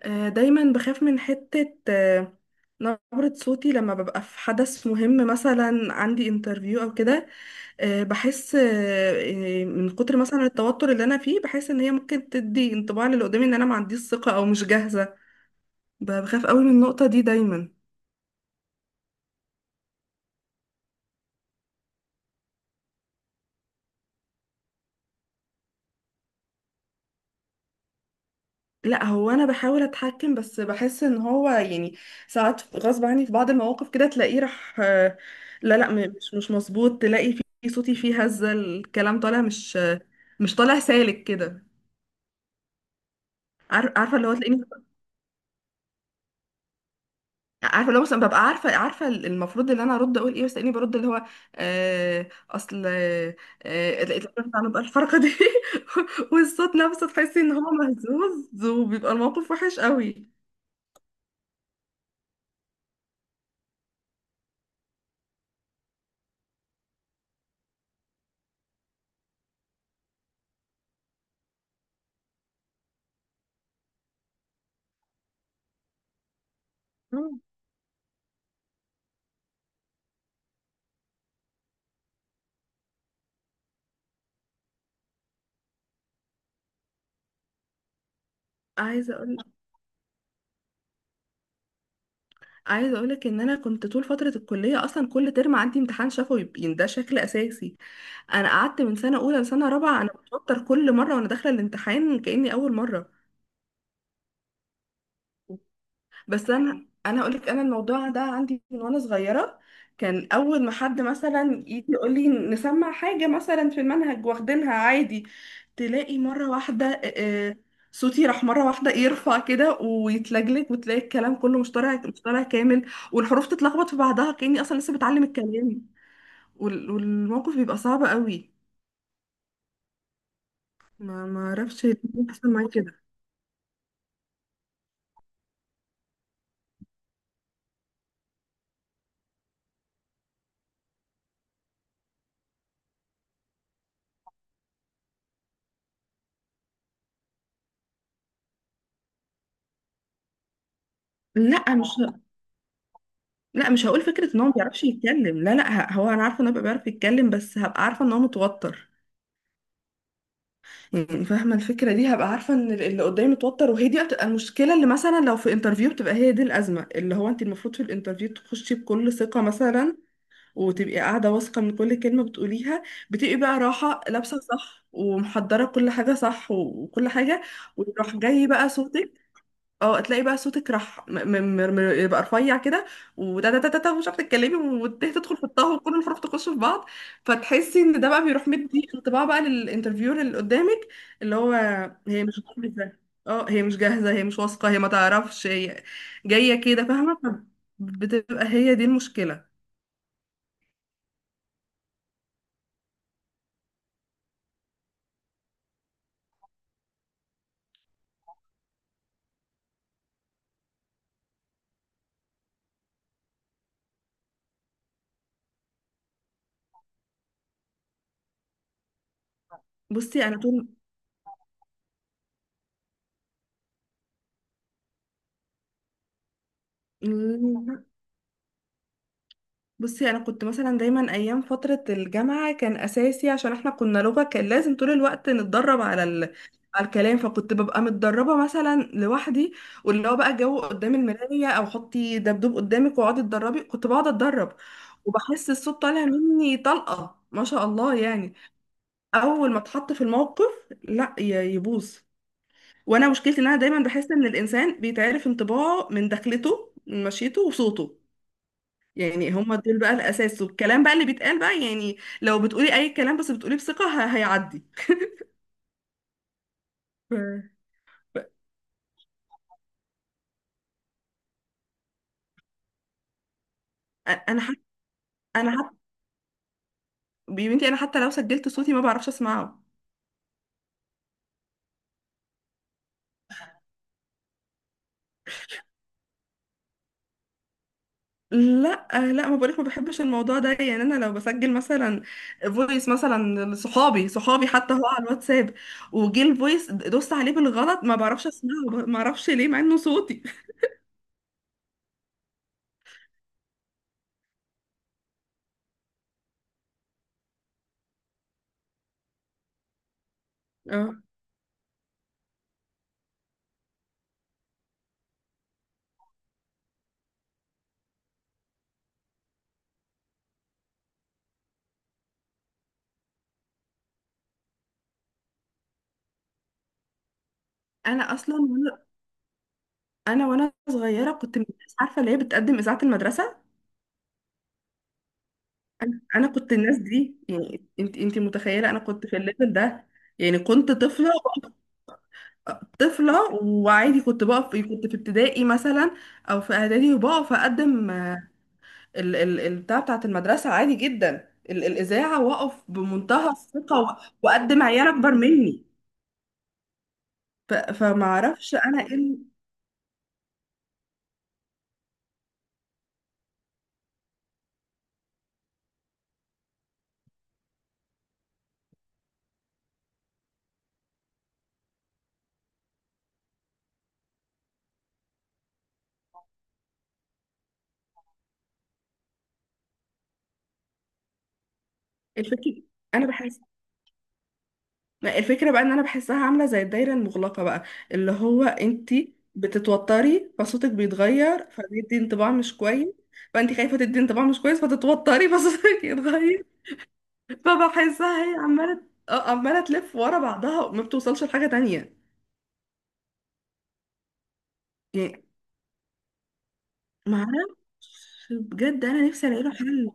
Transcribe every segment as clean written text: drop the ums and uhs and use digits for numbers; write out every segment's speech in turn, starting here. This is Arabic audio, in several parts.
دايما بخاف من حتة نبرة صوتي لما ببقى في حدث مهم مثلا عندي انترفيو او كده. آه، بحس آه، آه، من كتر مثلا التوتر اللي انا فيه بحس ان هي ممكن تدي انطباع للي قدامي ان انا ما عنديش ثقة او مش جاهزة. بخاف قوي من النقطة دي دايما. لا، هو انا بحاول اتحكم بس بحس ان هو يعني ساعات غصب عني في بعض المواقف كده تلاقيه راح لا، لا، مش مظبوط، تلاقي في صوتي فيه هزة، الكلام طالع مش طالع سالك كده. عارفه اللي هو تلاقيني عارفه اللي هو مثلا ببقى عارفه المفروض اللي انا ارد اقول ايه بس تلاقيني برد اللي هو اصل لقيت الراجل عمل بقى الحركه دي والصوت نفسه تحسي ان هو مهزوز وبيبقى الموقف وحش قوي. مم. عايزه اقول، عايزه اقولك ان انا كنت طول فتره الكليه اصلا كل ترم عندي امتحان شفوي يبقى ده شكل اساسي. انا قعدت من سنه اولى لسنه رابعه انا بتوتر كل مره وانا داخله الامتحان كاني اول مره. بس انا اقول لك انا الموضوع ده عندي من وانا صغيره. كان اول ما حد مثلا يجي يقول لي نسمع حاجه مثلا في المنهج واخدينها عادي، تلاقي مره واحده صوتي راح مره واحده يرفع كده ويتلجلج وتلاقي الكلام كله مش طالع كامل، والحروف تتلخبط في بعضها كاني اصلا لسه بتعلم الكلام. والموقف بيبقى صعب قوي. ما اعرفش ليه بيحصل معايا كده. لا مش لا، مش هقول فكرة ان هو ما بيعرفش يتكلم. لا، لا، هو انا عارفة ان هو بيبقى بيعرف يتكلم بس هبقى عارفة ان هو متوتر. يعني فاهمة الفكرة دي، هبقى عارفة ان اللي قدامي متوتر، وهي دي بتبقى المشكلة، اللي مثلا لو في انترفيو بتبقى هي دي الأزمة، اللي هو انت المفروض في الانترفيو تخشي بكل ثقة مثلا، وتبقي قاعدة واثقة من كل كلمة بتقوليها، بتبقي بقى راحة، لابسة صح، ومحضرة كل حاجة صح وكل حاجة، ويروح جاي بقى صوتك. اه تلاقي بقى صوتك راح يبقى رفيع كده. وده ده ده ده ده ومش عارفه تتكلمي، وتدخل في الطه وكل الفروق تخش في بعض، فتحسي ان ده بقى بيروح مدي انطباع بقى للانترفيور اللي قدامك. اللي هو هي مش جاهزه. اه، هي مش جاهزه، هي مش واثقه، هي ما تعرفش، هي جايه كده، فاهمه. بتبقى هي دي المشكله. بصي انا طول بصي، انا كنت مثلا دايما ايام فتره الجامعه كان اساسي عشان احنا كنا لغه كان لازم طول الوقت نتدرب على ال... على الكلام، فكنت ببقى متدربه مثلا لوحدي، واللي هو بقى جو قدام المرايه او حطي دبدوب قدامك واقعدي اتدربي. كنت بقعد اتدرب وبحس الصوت طالع مني طلقه، ما شاء الله يعني. اول ما اتحط في الموقف، لا يبوظ. وانا مشكلتي ان انا دايما بحس ان الانسان بيتعرف انطباعه من دخلته، من مشيته، وصوته. يعني هم دول بقى الأساس، والكلام بقى اللي بيتقال بقى، يعني لو بتقولي أي كلام بس بتقوليه بثقة هيعدي. ف- ف- أنا حتى أنا حتى بنتي، أنا حتى لو سجلت صوتي ما بعرفش أسمعه. لا، لا، ما بقولك ما بحبش الموضوع ده يعني. انا لو بسجل مثلا فويس مثلا لصحابي، صحابي حتى، هو على الواتساب وجه الفويس دوست عليه بالغلط ما بعرفش اسمعه. ما اعرفش ليه مع انه صوتي. اه، انا اصلا انا وانا صغيره كنت من الناس عارفه اللي هي بتقدم اذاعه المدرسه. أنا كنت الناس دي، يعني انت متخيله انا كنت في الليفل ده، يعني كنت طفله. طفله وعادي كنت بقف، كنت في ابتدائي مثلا او في اعدادي وبقف اقدم ال البتاع بتاعت المدرسه عادي جدا، الاذاعه، واقف بمنتهى الثقه واقدم عيال اكبر مني. فما اعرفش انا ايه. الفكره انا بحس، ما الفكرة بقى ان انا بحسها عاملة زي الدايرة المغلقة بقى، اللي هو انتي بتتوتري فصوتك بيتغير فبيدي انطباع مش كويس، فانتي خايفة تدي انطباع مش كويس فتتوتري فصوتك يتغير. فبحسها هي عمالة، عمالة تلف ورا بعضها وما بتوصلش لحاجة تانية يعني. معرفش بجد، انا نفسي الاقي له حل.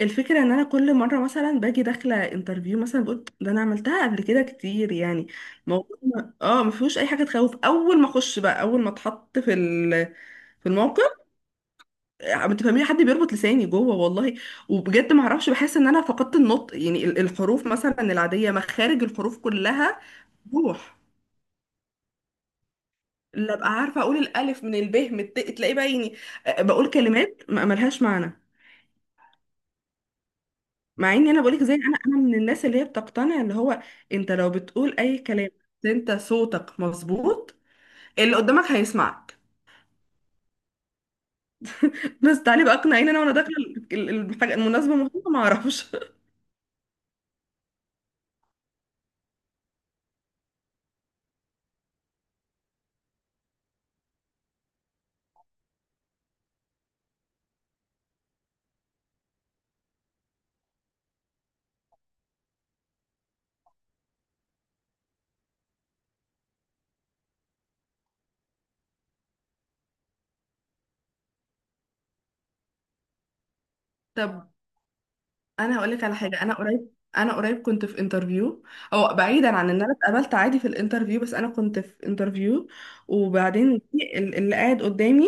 الفكرة ان انا كل مرة مثلا باجي داخلة انترفيو مثلا بقول ده انا عملتها قبل كده كتير يعني، موضوع اه ما فيهوش اي حاجة تخوف. اول ما اخش بقى، اول ما اتحط في ال، في الموقف، ما تفهمي حد بيربط لساني جوه والله. وبجد ما اعرفش بحس ان انا فقدت النطق يعني الحروف مثلا العادية، مخارج الحروف كلها روح لا ابقى عارفة اقول الالف من الب من الت، تلاقي بقى يعني، بقول كلمات ملهاش معنى. مع اني انا بقولك زي انا من الناس اللي هي بتقتنع اللي هو انت لو بتقول اي كلام بس انت صوتك مظبوط، اللي قدامك هيسمعك. بس تعالي بقى اقنعيني انا وانا داخله الحاجه المناسبه مهمه، ما اعرفش. طب انا هقول لك على حاجه. انا قريب كنت في انترفيو، او بعيدا عن ان انا اتقابلت عادي في الانترفيو، بس انا كنت في انترفيو. وبعدين في اللي قاعد قدامي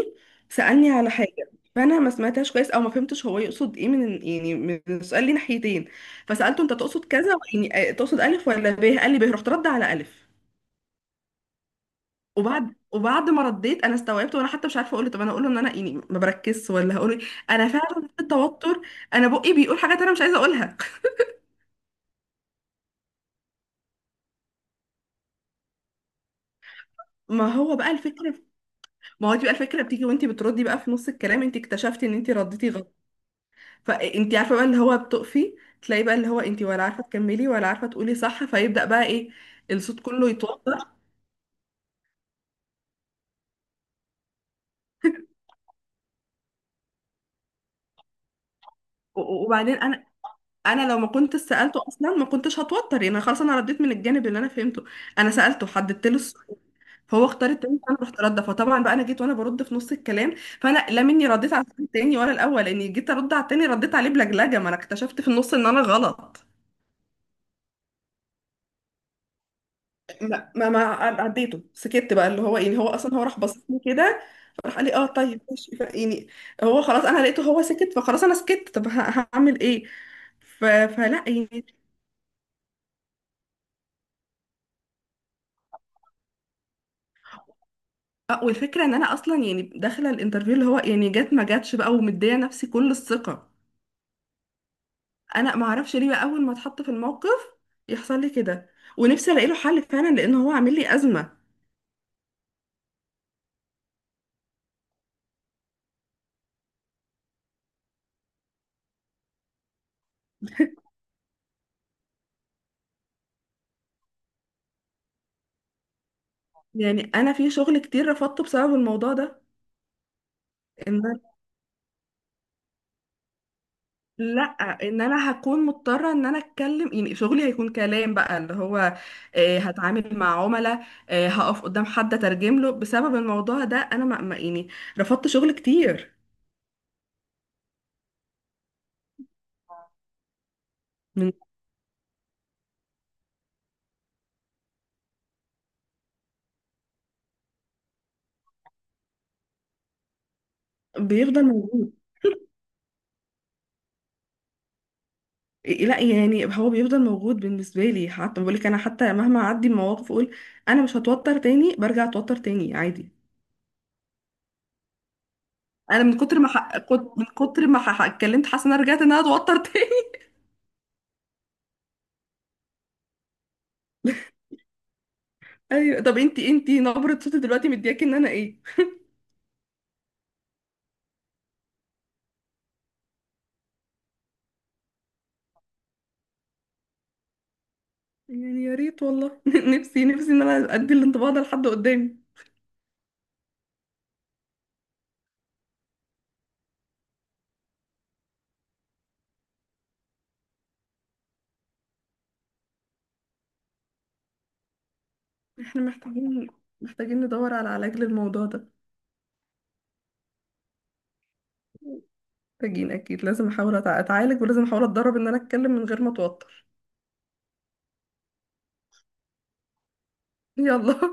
سالني على حاجه، فانا ما سمعتهاش كويس او ما فهمتش هو يقصد ايه، من يعني من السؤال ليه ناحيتين. فسالته انت تقصد كذا يعني، تقصد الف ولا ب؟ قال لي ب. رحت رد على الف. وبعد ما رديت انا استوعبت، وانا حتى مش عارفه اقول له، طب انا اقول له ان انا يعني ما بركزش، ولا هقول ايه؟ انا فعلا في التوتر انا بقي بيقول حاجات انا مش عايزه اقولها. ما هو بقى الفكرة، ما هو دي بقى الفكرة، بتيجي وانت بتردي بقى في نص الكلام انت اكتشفتي ان انت رديتي غلط، فانت عارفة بقى اللي هو بتقفي، تلاقي بقى اللي هو انت ولا عارفة تكملي ولا عارفة تقولي صح، فيبدأ بقى ايه، الصوت كله يتوتر. وبعدين انا لو ما كنت سألته اصلا ما كنتش هتوتر، يعني انا خلاص انا رديت من الجانب اللي انا فهمته، انا سألته حددت له السؤال، فهو اختار التاني، فانا رحت رد، فطبعا بقى انا جيت وانا برد في نص الكلام، فانا لا مني رديت على التاني ولا الاول، لاني جيت ارد على التاني رديت عليه بلجلجة، ما انا اكتشفت في النص ان انا غلط. ما عديته، سكت بقى اللي هو يعني، هو اصلا هو راح بصني كده، فراح قال لي اه طيب ماشي يعني. هو خلاص، انا لقيته هو سكت فخلاص انا سكت، طب هعمل ايه؟ فلا يعني. والفكره ان انا اصلا يعني داخله الانترفيو اللي هو يعني، جت ما جاتش بقى ومديه نفسي كل الثقه، انا ما اعرفش ليه بقى اول ما اتحط في الموقف يحصل لي كده. ونفسي الاقي له حل فعلا لان هو عامل لي ازمه. يعني انا في شغل كتير رفضته بسبب الموضوع ده. لا، ان انا هكون مضطره ان انا اتكلم، يعني شغلي هيكون كلام بقى اللي هو هتعامل مع عملاء، هقف قدام حد اترجم له بسبب الموضوع ده انا يعني رفضت شغل كتير. من بيفضل موجود، لا يعني هو بيفضل موجود بالنسبه لي، حتى بقول لك انا حتى مهما اعدي المواقف اقول انا مش هتوتر تاني برجع اتوتر تاني عادي. انا من كتر ما ح... كنت- من كتر ما ح... اتكلمت حاسه ان انا رجعت ان انا اتوتر تاني. ايوه. طب انتي نبره صوتي دلوقتي مدياكي ان انا ايه؟ يعني يا ريت والله نفسي ان انا ادي الانطباع ده لحد قدامي. احنا محتاجين، محتاجين ندور على علاج للموضوع ده. محتاجين اكيد، لازم احاول اتعالج، ولازم احاول اتدرب ان انا اتكلم من غير ما اتوتر. يلا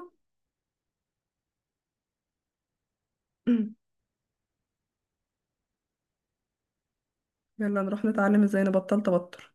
يلا نروح نتعلم ازاي نبطل توتر.